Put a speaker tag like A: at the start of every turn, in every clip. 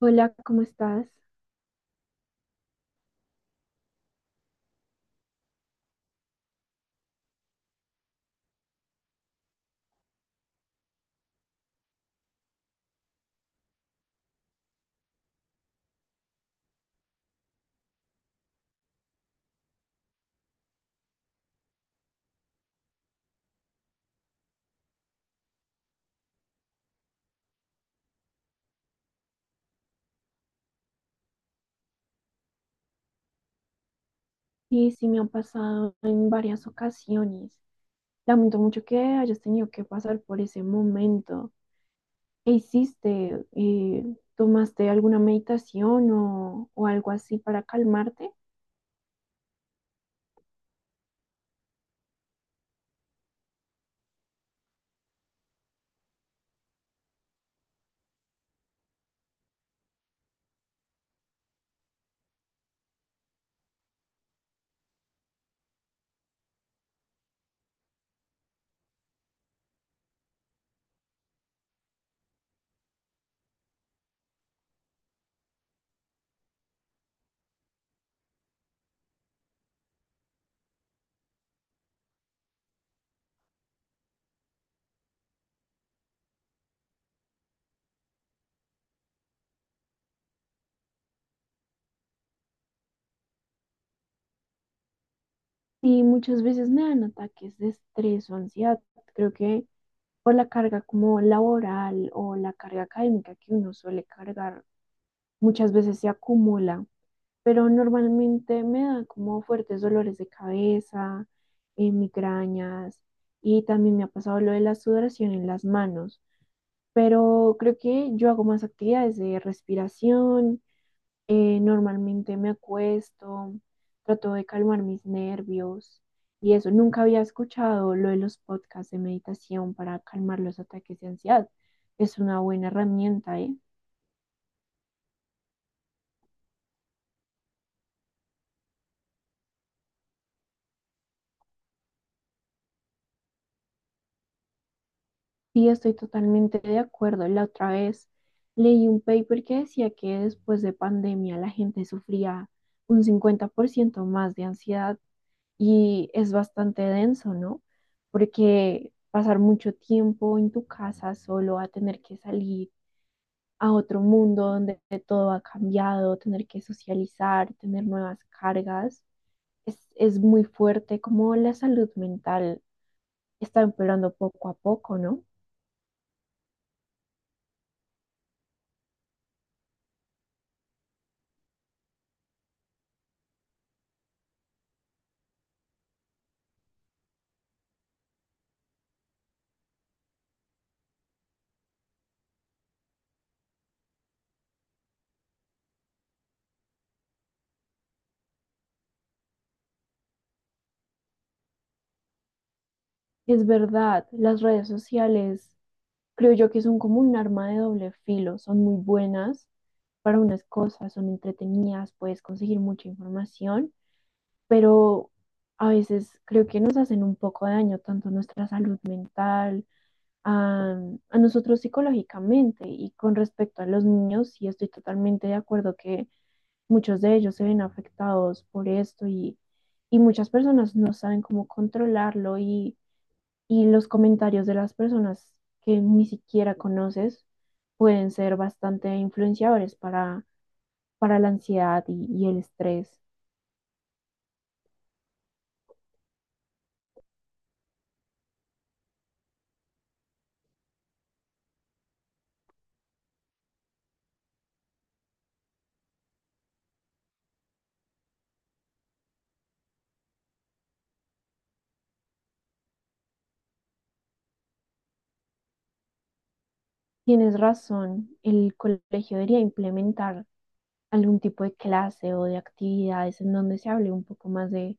A: Hola, ¿cómo estás? Sí, sí, me han pasado en varias ocasiones. Lamento mucho que hayas tenido que pasar por ese momento. ¿Qué hiciste? ¿Tomaste alguna meditación o algo así para calmarte? Y muchas veces me dan ataques de estrés o ansiedad. Creo que por la carga como laboral o la carga académica que uno suele cargar, muchas veces se acumula. Pero normalmente me da como fuertes dolores de cabeza, migrañas y también me ha pasado lo de la sudoración en las manos, pero creo que yo hago más actividades de respiración. Normalmente me acuesto, trato de calmar mis nervios y eso, nunca había escuchado lo de los podcasts de meditación para calmar los ataques de ansiedad. Es una buena herramienta, ¿eh? Sí, estoy totalmente de acuerdo. La otra vez leí un paper que decía que después de pandemia la gente sufría un 50% más de ansiedad y es bastante denso, ¿no? Porque pasar mucho tiempo en tu casa solo a tener que salir a otro mundo donde todo ha cambiado, tener que socializar, tener nuevas cargas, es muy fuerte como la salud mental está empeorando poco a poco, ¿no? Es verdad, las redes sociales creo yo que son como un arma de doble filo, son muy buenas para unas cosas, son entretenidas, puedes conseguir mucha información, pero a veces creo que nos hacen un poco de daño tanto a nuestra salud mental, a, a nosotros psicológicamente, y con respecto a los niños, sí, estoy totalmente de acuerdo que muchos de ellos se ven afectados por esto, y muchas personas no saben cómo controlarlo, y los comentarios de las personas que ni siquiera conoces pueden ser bastante influenciadores para la ansiedad y el estrés. Tienes razón, el colegio debería implementar algún tipo de clase o de actividades en donde se hable un poco más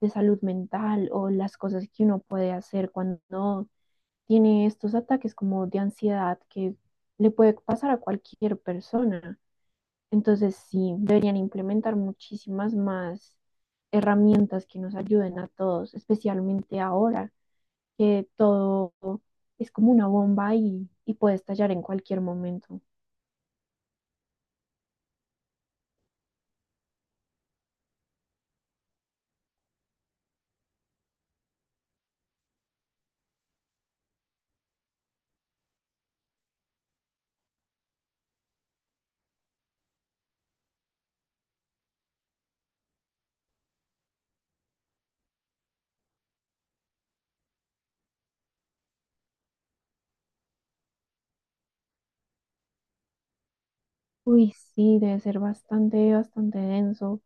A: de salud mental o las cosas que uno puede hacer cuando no tiene estos ataques como de ansiedad que le puede pasar a cualquier persona. Entonces, sí, deberían implementar muchísimas más herramientas que nos ayuden a todos, especialmente ahora que todo es como una bomba y puede estallar en cualquier momento. Uy, sí, debe ser bastante, bastante denso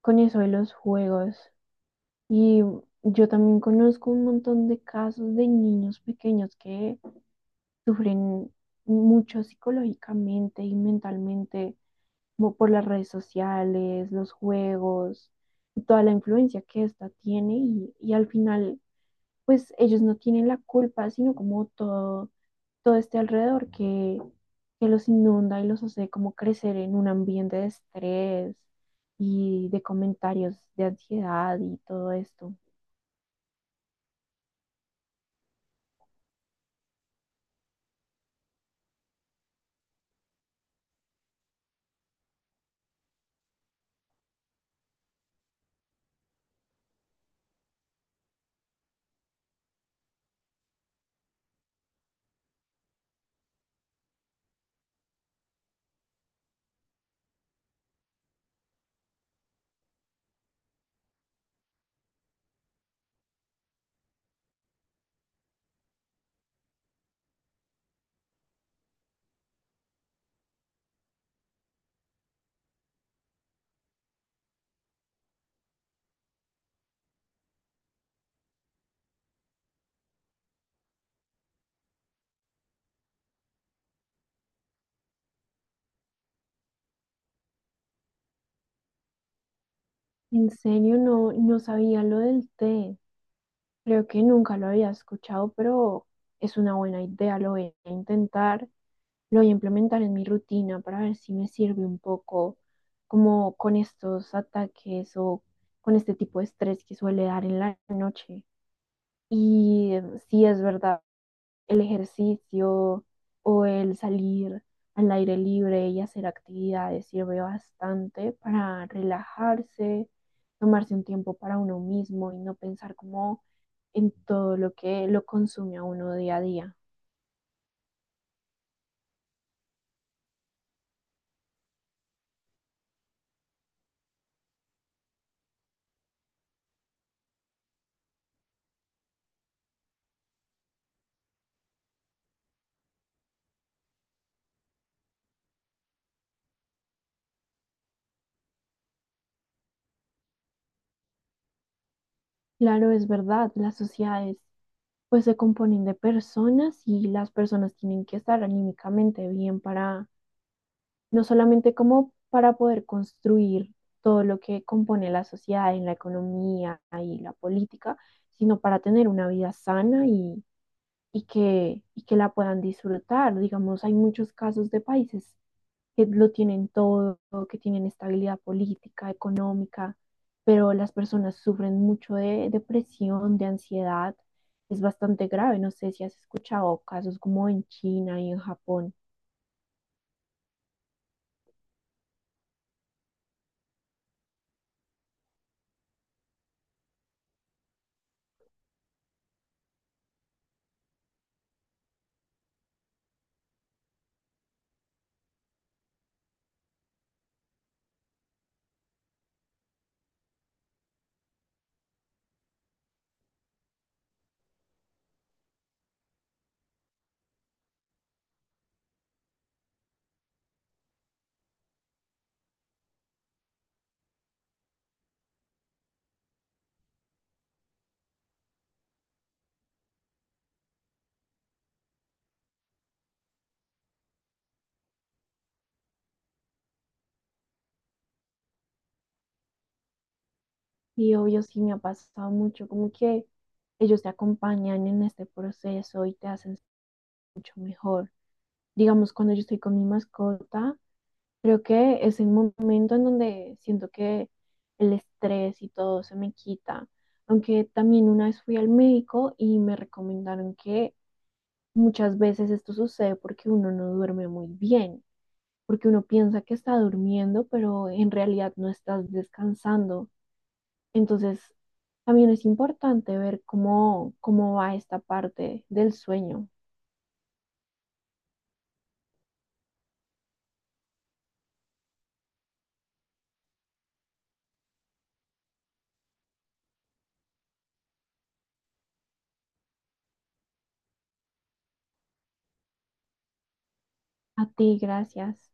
A: con eso de los juegos. Y yo también conozco un montón de casos de niños pequeños que sufren mucho psicológicamente y mentalmente como por las redes sociales, los juegos, y toda la influencia que esta tiene y al final, pues ellos no tienen la culpa, sino como todo todo este alrededor que los inunda y los hace como crecer en un ambiente de estrés y de comentarios de ansiedad y todo esto. En serio, no, no sabía lo del té. Creo que nunca lo había escuchado, pero es una buena idea. Lo voy a intentar, lo voy a implementar en mi rutina para ver si me sirve un poco como con estos ataques o con este tipo de estrés que suele dar en la noche. Y sí, es verdad, el ejercicio o el salir al aire libre y hacer actividades sirve bastante para relajarse, tomarse un tiempo para uno mismo y no pensar como en todo lo que lo consume a uno día a día. Claro, es verdad, las sociedades pues se componen de personas y las personas tienen que estar anímicamente bien para no solamente como para poder construir todo lo que compone la sociedad en la economía y la política, sino para tener una vida sana y y que la puedan disfrutar. Digamos, hay muchos casos de países que lo tienen todo, que tienen estabilidad política, económica, pero las personas sufren mucho de depresión, de ansiedad. Es bastante grave. No sé si has escuchado casos como en China y en Japón. Y obvio, sí, me ha pasado mucho, como que ellos te acompañan en este proceso y te hacen, digamos, cuando yo estoy con mi mascota, creo que es el momento en donde siento que el estrés y todo se me quita. Aunque también una vez fui al médico y me recomendaron que muchas veces esto sucede porque uno no duerme muy bien, porque uno piensa que está durmiendo, pero en realidad no estás descansando. Entonces, también es importante ver cómo, cómo va esta parte del sueño. A ti, gracias.